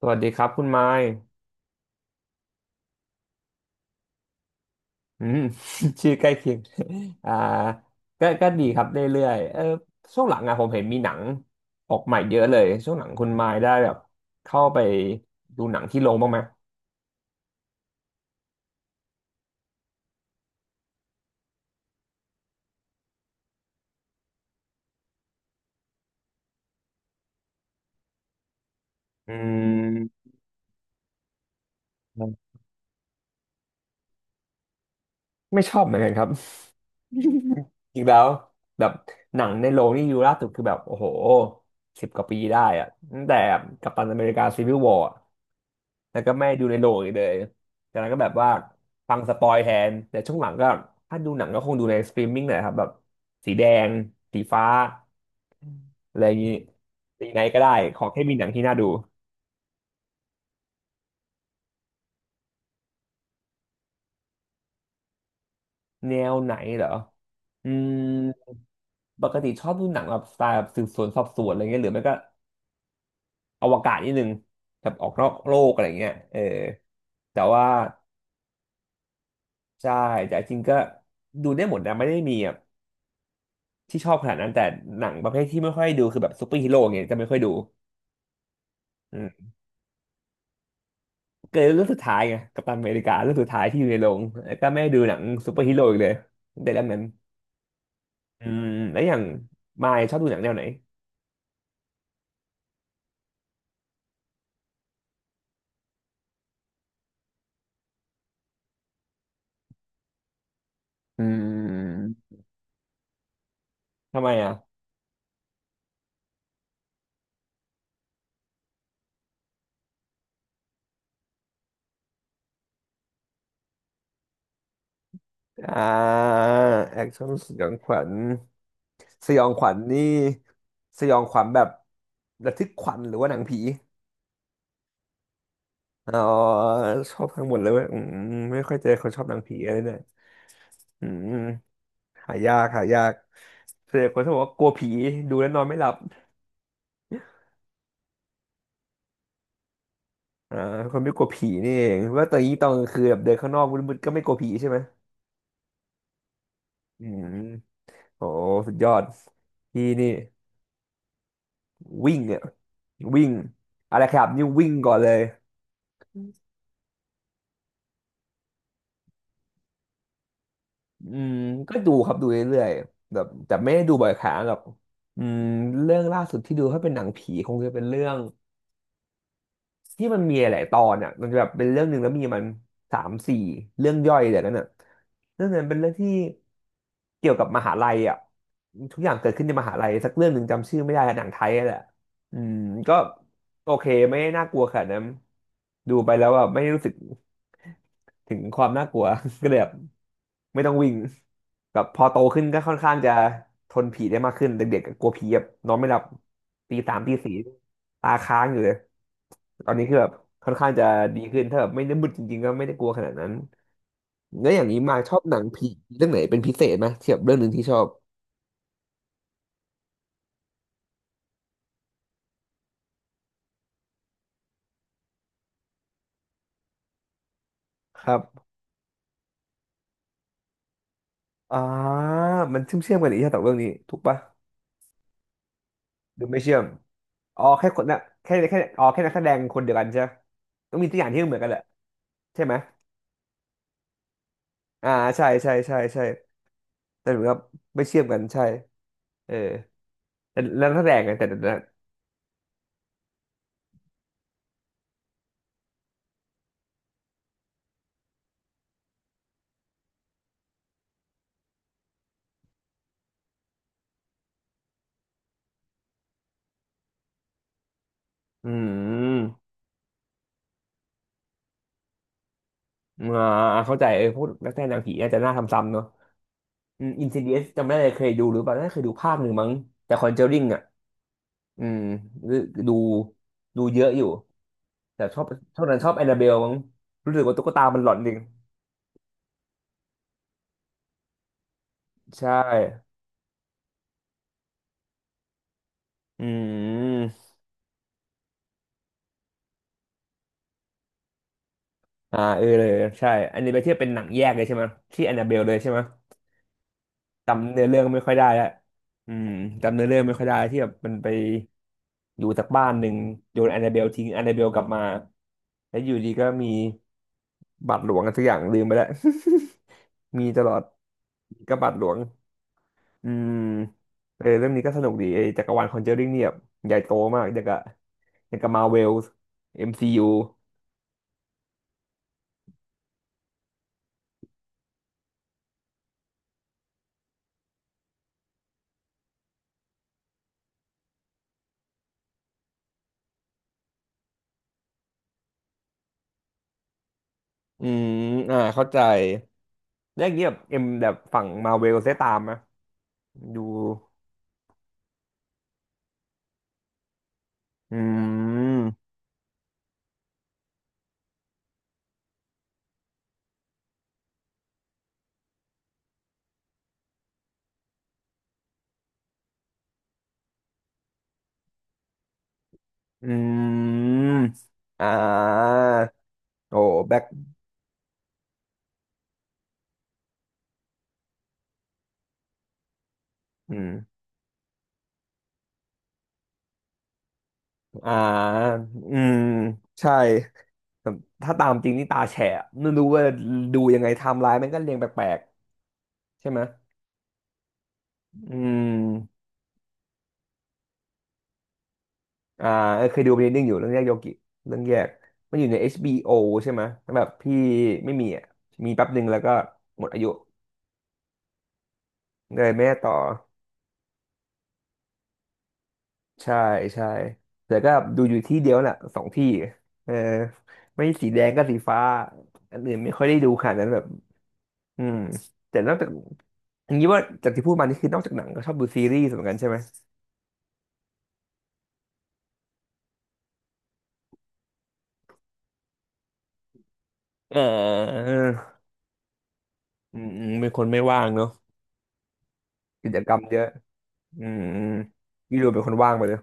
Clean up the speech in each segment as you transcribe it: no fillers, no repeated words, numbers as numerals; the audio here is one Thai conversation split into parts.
สวัสดีครับคุณไมค์อืม ชื่อใกล้เคียง อ่าก็ดีครับเรื่อยๆเออช่วงหลังอะผมเห็นมีหนังออกใหม่เยอะเลยช่วงหลังคุณไมค์ได้แบบเข้าไปดูหนังที่โรงบ้างไหมอืมไม่ชอบเหมือนกันครับ จริงแล้วแบบหนังในโรงนี่ดูล่าสุดคือแบบโอ้โหสิบกว่าปีได้อะตั้งแต่กัปตันอเมริกาซีวิลวอร์ แล้วก็ไม่ดูในโรงอีกเลยจากนั้นก็แบบว่าฟังสปอยแทน แต่ช่วงหลังก็ถ้าดูหนังก็คงดูในสตรีมมิ่งแหละครับแบบสีแดงสีฟ้าอะไรอย่างนี้ สีไหนก็ได้ขอแค่มีหนังที่น่าดูแนวไหนเหรอ อืมปกติชอบดูหนังแบบสไตล์แบบสืบสวนสอบสวนอะไรเงี้ยหรือไม่ก็อวกาศนิดนึงแบบออกนอกโลกอะไรเงี้ยเออแต่ว่าใช่แต่จริงๆก็ดูได้หมดนะไม่ได้มี ที่ชอบขนาดนั้นแต่หนังประเภทที่ไม่ค่อยดูคือแบบซูเปอร์ฮีโร่เงี้ยจะไม่ค่อยดูอืมเกิดเรื่องสุดท้ายไงกัปตันอเมริกาเรื่องสุดท้ายที่อยู่ในโรงแล้วก็ไม่ได้ดูหนังซูเปอร์ฮีโร่อีกเลยตั้งแต่เรื่องนั้นอืมแล้วอย่างมายชอบดูหนังแนวไหนอืมทำไมอ่ะอ่าแอคชั่นสยองขวัญสยองขวัญนี่สยองขวัญแบบระทึกขวัญหรือว่าหนังผีอ๋อชอบทั้งหมดเลยเว้ยอืมไม่ค่อยเจอคนชอบหนังผีอะไรเนี่ยอืมหายากหายาก เสียคนที่บอกว่ากลัวผีดูแล้วนอนไม่หลับอ่าคนไม่กลัวผีนี่เองว่าตอนนี้ตอนกลางคืนแบบเดินข้างนอกมืดๆก็ไม่กลัวผีใช่ไหมอืมโอ้สุดยอดพี่นี่วิ่งเนี่ยวิ่งอะไรครับนี่วิ่งก่อนเลยอืมก็ดูครับดูเรื่อยๆแบบแต่ไม่ได้ดูบ่อยครั้งหรอกอืมเรื่องล่าสุดที่ดูถ้าเป็นหนังผีคงจะเป็นเรื่องที่มันมีหลายๆตอนอ่ะมันจะแบบเป็นเรื่องหนึ่งแล้วมีมันสามสี่เรื่องย่อยแต่นั้นอ่ะเรื่องนั้นเป็นเรื่องที่ เกี่ยวกับมหาลัยอ่ะทุกอย่างเกิดขึ้นในมหาลัยสักเรื่องหนึ่งจำชื่อไม่ได้อะหนังไทยอะแหละอืมก็โอเคไม่ได้น่ากลัวขนาดนั้นดูไปแล้วแบบไม่ได้รู้สึกถึงความน่ากลัว ก็เลยแบบไม่ต้องวิ่งแบบพอโตขึ้นก็ค่อนข้างจะทนผีได้มากขึ้นเด็กๆก็กลัวผีแบบนอนไม่หลับตีสามตีสี่ตาค้างอยู่เลยตอนนี้คือแบบค่อนข้างจะดีขึ้นถ้าแบบไม่ได้มืดจริงๆก็ไม่ได้กลัวขนาดนั้น แล้วอย่างนี้มาชอบหนังผีเรื่องไหนเป็นพิเศษไหมเทียบเรื่องหนึ่งที่ชอบครับอ่ามันเชื่อมกันอีกใช่ไหมสองเรื่องนี้ถูกปะหรือไม่เชื่อมอ๋อแค่คนนะแค่อ๋อแค่นักแสดงคนเดียวกันใช่ปะต้องมีตัวอย่างที่เหมือนกันแหละใช่ไหมอ่าใช่ใช่ใช่ใช่แต่เหมือนกับไม่เชื่อมกันใช่เออแต่แล้วนักแสดงไงแต่อืมอ่าเข้าใจเออพูดนักแสดงหนังผีอาจจะน่าทำซ้ำเนอะ อืมอินซิเดียสจำไม่ได้เลยเคยดูหรือเปล่าน่าจะเคยดูภาคหนึ่งมั้งแต่คอนเจอริงอ่ะอืมดูเยอะอยู่แต่ชอบนั้นชอบแอนนาเบลมั้งรู้สึกว่าตุ๊กตามันหลอนจริงใช่อืมอ่าเออเลยใช่อันนี้ไปเทียบเป็นหนังแยกเลยใช่ไหมที่แอนนาเบลเลยใช่ไหมจำเนื้อเรื่องไม่ค่อยได้แล้วอืมจำเนื้อเรื่องไม่ค่อยได้ที่แบบมันไปอยู่จากบ้านหนึ่งโยนแอนนาเบลทิ้งแอนนาเบลกลับมาแล้วอยู่ดีก็มีบาทหลวงกันสักอย่างลืมไปแล้ว มีตลอด กบบาทหลวง อืมเออเรื่องนี้ก็สนุกดีไอ้จักรวาลคอนเจอริงเนี่ยแบบใหญ่โตมากอย่างกับอย่างกับมาเวล MCU อมซียูอืมอ่าเข้าใจแล้วอย่างเงี้ยแบบเอ็มแบบฝั่งมาเวลได้ตามไหมดู อืมอืมอ่าโอ้ แบ็คอืมอ่าอืมใช่แต่ถ้าตามจริงนี่ตาแฉะไม่รู้ว่าดูยังไงไทม์ไลน์มันก็เรียงแปลกๆ ใช่ไหมอืม อ่าเออเคยดู b l น n d นึงอยู่เรื่องแยกโยกิเรื่องแยกมันอยู่ใน HBO ใช่ไหมแล้วแบบพี่ไม่มีอ่ะมีแป๊บหนึ่งแล้วก็หมดอายุเลยแม่ได้ต่อใช่ใช่แต่ก็ดูอยู่ที่เดียวน่ะสองที่เออไม่สีแดงก็สีฟ้าอันอื่นไม่ค่อยได้ดูขนาดนั้นแบบอืมแต่นอกจากอย่างนี้ว่าจากที่พูดมานี่คือนอกจากหนังก็ชอบดูซีรีส์เหมือนกันใช่ไหมเอออืมอืมเป็นคนไม่ว่างเนอะกิจกรรมเยอะอืมอืมพี่ดูเป็นคนว่างไปเลย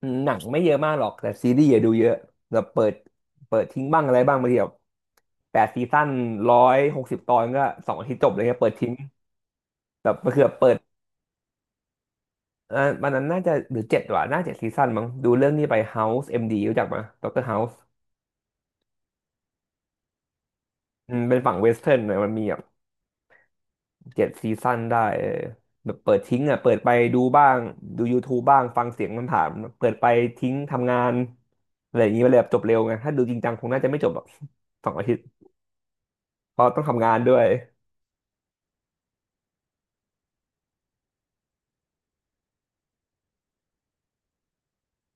อืมหนังไม่เยอะมากหรอก แต่ซีรีส์อย่าดูเยอะแบบเปิดทิ้งบ้างอะไรบ้างบางทีแบบแปดซีซั่นร้อยหกสิบตอนก็สองอาทิตย์จบเลยเงี้ยเปิดทิ้งแบบมันคือแบบเปิดอ่าวันนั้นน่าจะหรือเจ็ดว่ะน่าจะซีซั่นมั้งดูเรื่องนี้ไป House MD รู้จักไหมด็อกเตอร์ House อืมเป็นฝั่งเวสเทิร์นหน่อยมันมีแบบเจ็ดซีซั่นได้เออแบบเปิดทิ้งอ่ะเปิดไปดูบ้างดู YouTube บ้างฟังเสียงมันผามเปิดไปทิ้งทำงานอะไรอย่างงี้ไปเลยแบบจบเร็วไงถ้าดูจริงจังคงน่าจะไม่จบแบบสองอาทิตย์เพราะต้องทำงานด้วย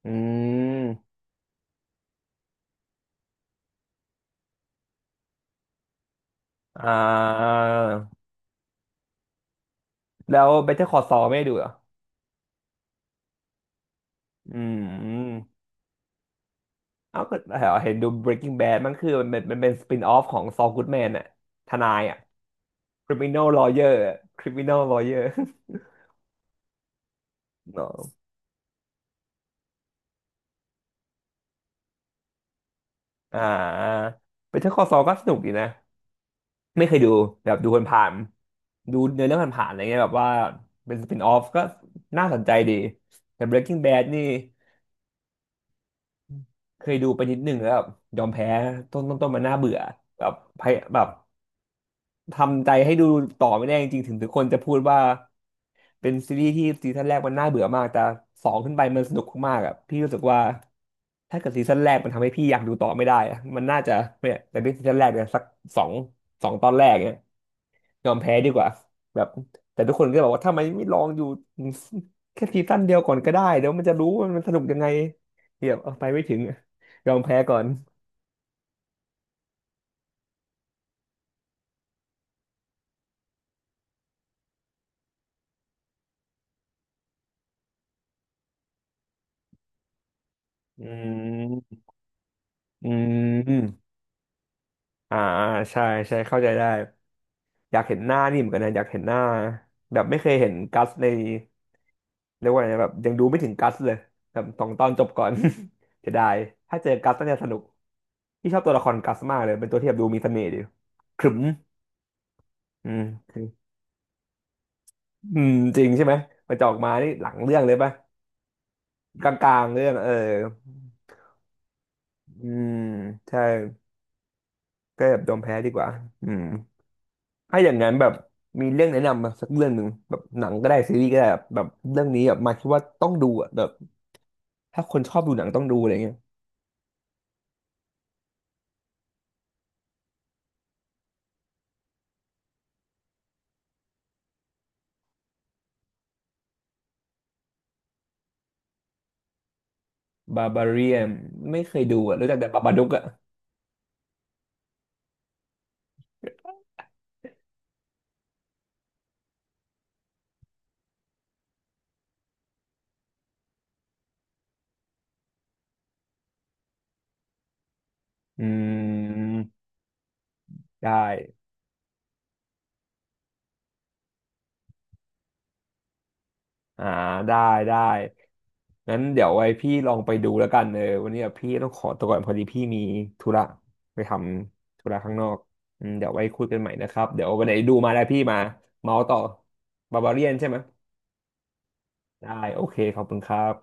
อืมอ่าแล้ว Better Call Saul ไม่ได้ดูเหรออืมเอาก็เห็นดู Breaking Bad มันคือมันเป็นสปินออฟของ Saul Goodman อะทนายอะ Criminal Lawyer อะ Criminal Lawyer เนาะอ่า Better Call Saul ก็สนุกดีนะไม่เคยดูแบบดูผ่านๆดูเนื้อเรื่องผ่านๆอะไรเงี้ยแบบว่าเป็นสปินออฟก็น่าสนใจดีแต่ Breaking Bad นี่เคยดูไปนิดนึงแล้วแบบยอมแพ้ต้นมันน่าเบื่อแบบพยแบบ ทำใจให้ดูต่อไม่ได้จริงๆถึงทุกคนจะพูดว่าเป็นซีรีส์ที่ซีซั่นแรกมันน่าเบื่อมากแต่สองขึ้นไปมันสนุกมากๆอ่ะพี่รู้สึกว่าถ้าเกิดซีซั่นแรกมันทำให้พี่อยากดูต่อไม่ได้อะมันน่าจะเนี่ยแต่ด้วยซีซั่นแรกเนี่ยสักสองสองตอนแรกเนี่ยยอมแพ้ดีกว่าแบบแต่ทุกคนก็บอกว่าทำไมไม่ลองอยู่แค่ซีซั่นเดียวก่อนก็ได้เดี๋ยวมันจะรู้ว่ามันสนุกยังไงเดี๋ยวเอาไปไม่ถึงอะยอมแพ้ก่อนอืมอืมอ่าใช่ใช่เข้าใจได้ อยากเห็นหน้านี่เหมือนกันนะอยากเห็นหน้าแบบไม่เคยเห็นกัสในเรียกว่าไงนะแบบยังดูไม่ถึงกัสเลยแบบสองตอนจบก่อน จะได้ถ้าเจอกัสน่าจะสนุกพี่ชอบตัวละครกัสมากเลยเป็นตัวที่แบบดูมีเสน่ห์ดีขรึมอืมอืมจริงใช่ไหมมันจะออกมานี่หลังเรื่องเลยปะกลางๆเรื่องเอออืมใช่ก็แบบยอมแพ้ดีกว่าอืมถ้าอย่างนั้นแบบมีเรื่องแนะนำมาสักเรื่องหนึ่งแบบหนังก็ได้ซีรีส์ก็ได้แบบแบบเรื่องนี้แบบมาคิดว่าต้องดูอะแบบถ้าคนชอบดูหนังต้องดูอะไรเงี้ย บาบาเรียนไม่เคยดูอ่ะรู้จักแต่บาบาดุกอ่ะอืมได้อ่าได้ ได้ งั้นเดี๋ยวไว้พี่ลองไปดูแล้วกันเออวันนี้อะพี่ต้องขอตัวก่อนพอดีพี่มีธุระไปทำธุระข้างนอกอืมเดี๋ยวไว้คุยกันใหม่นะครับ เดี๋ยววันไหนดูมาแล้วพี่มาเมาส์ต่อบาบาเรียนใช่ไหมได้โอเคขอบคุณครับ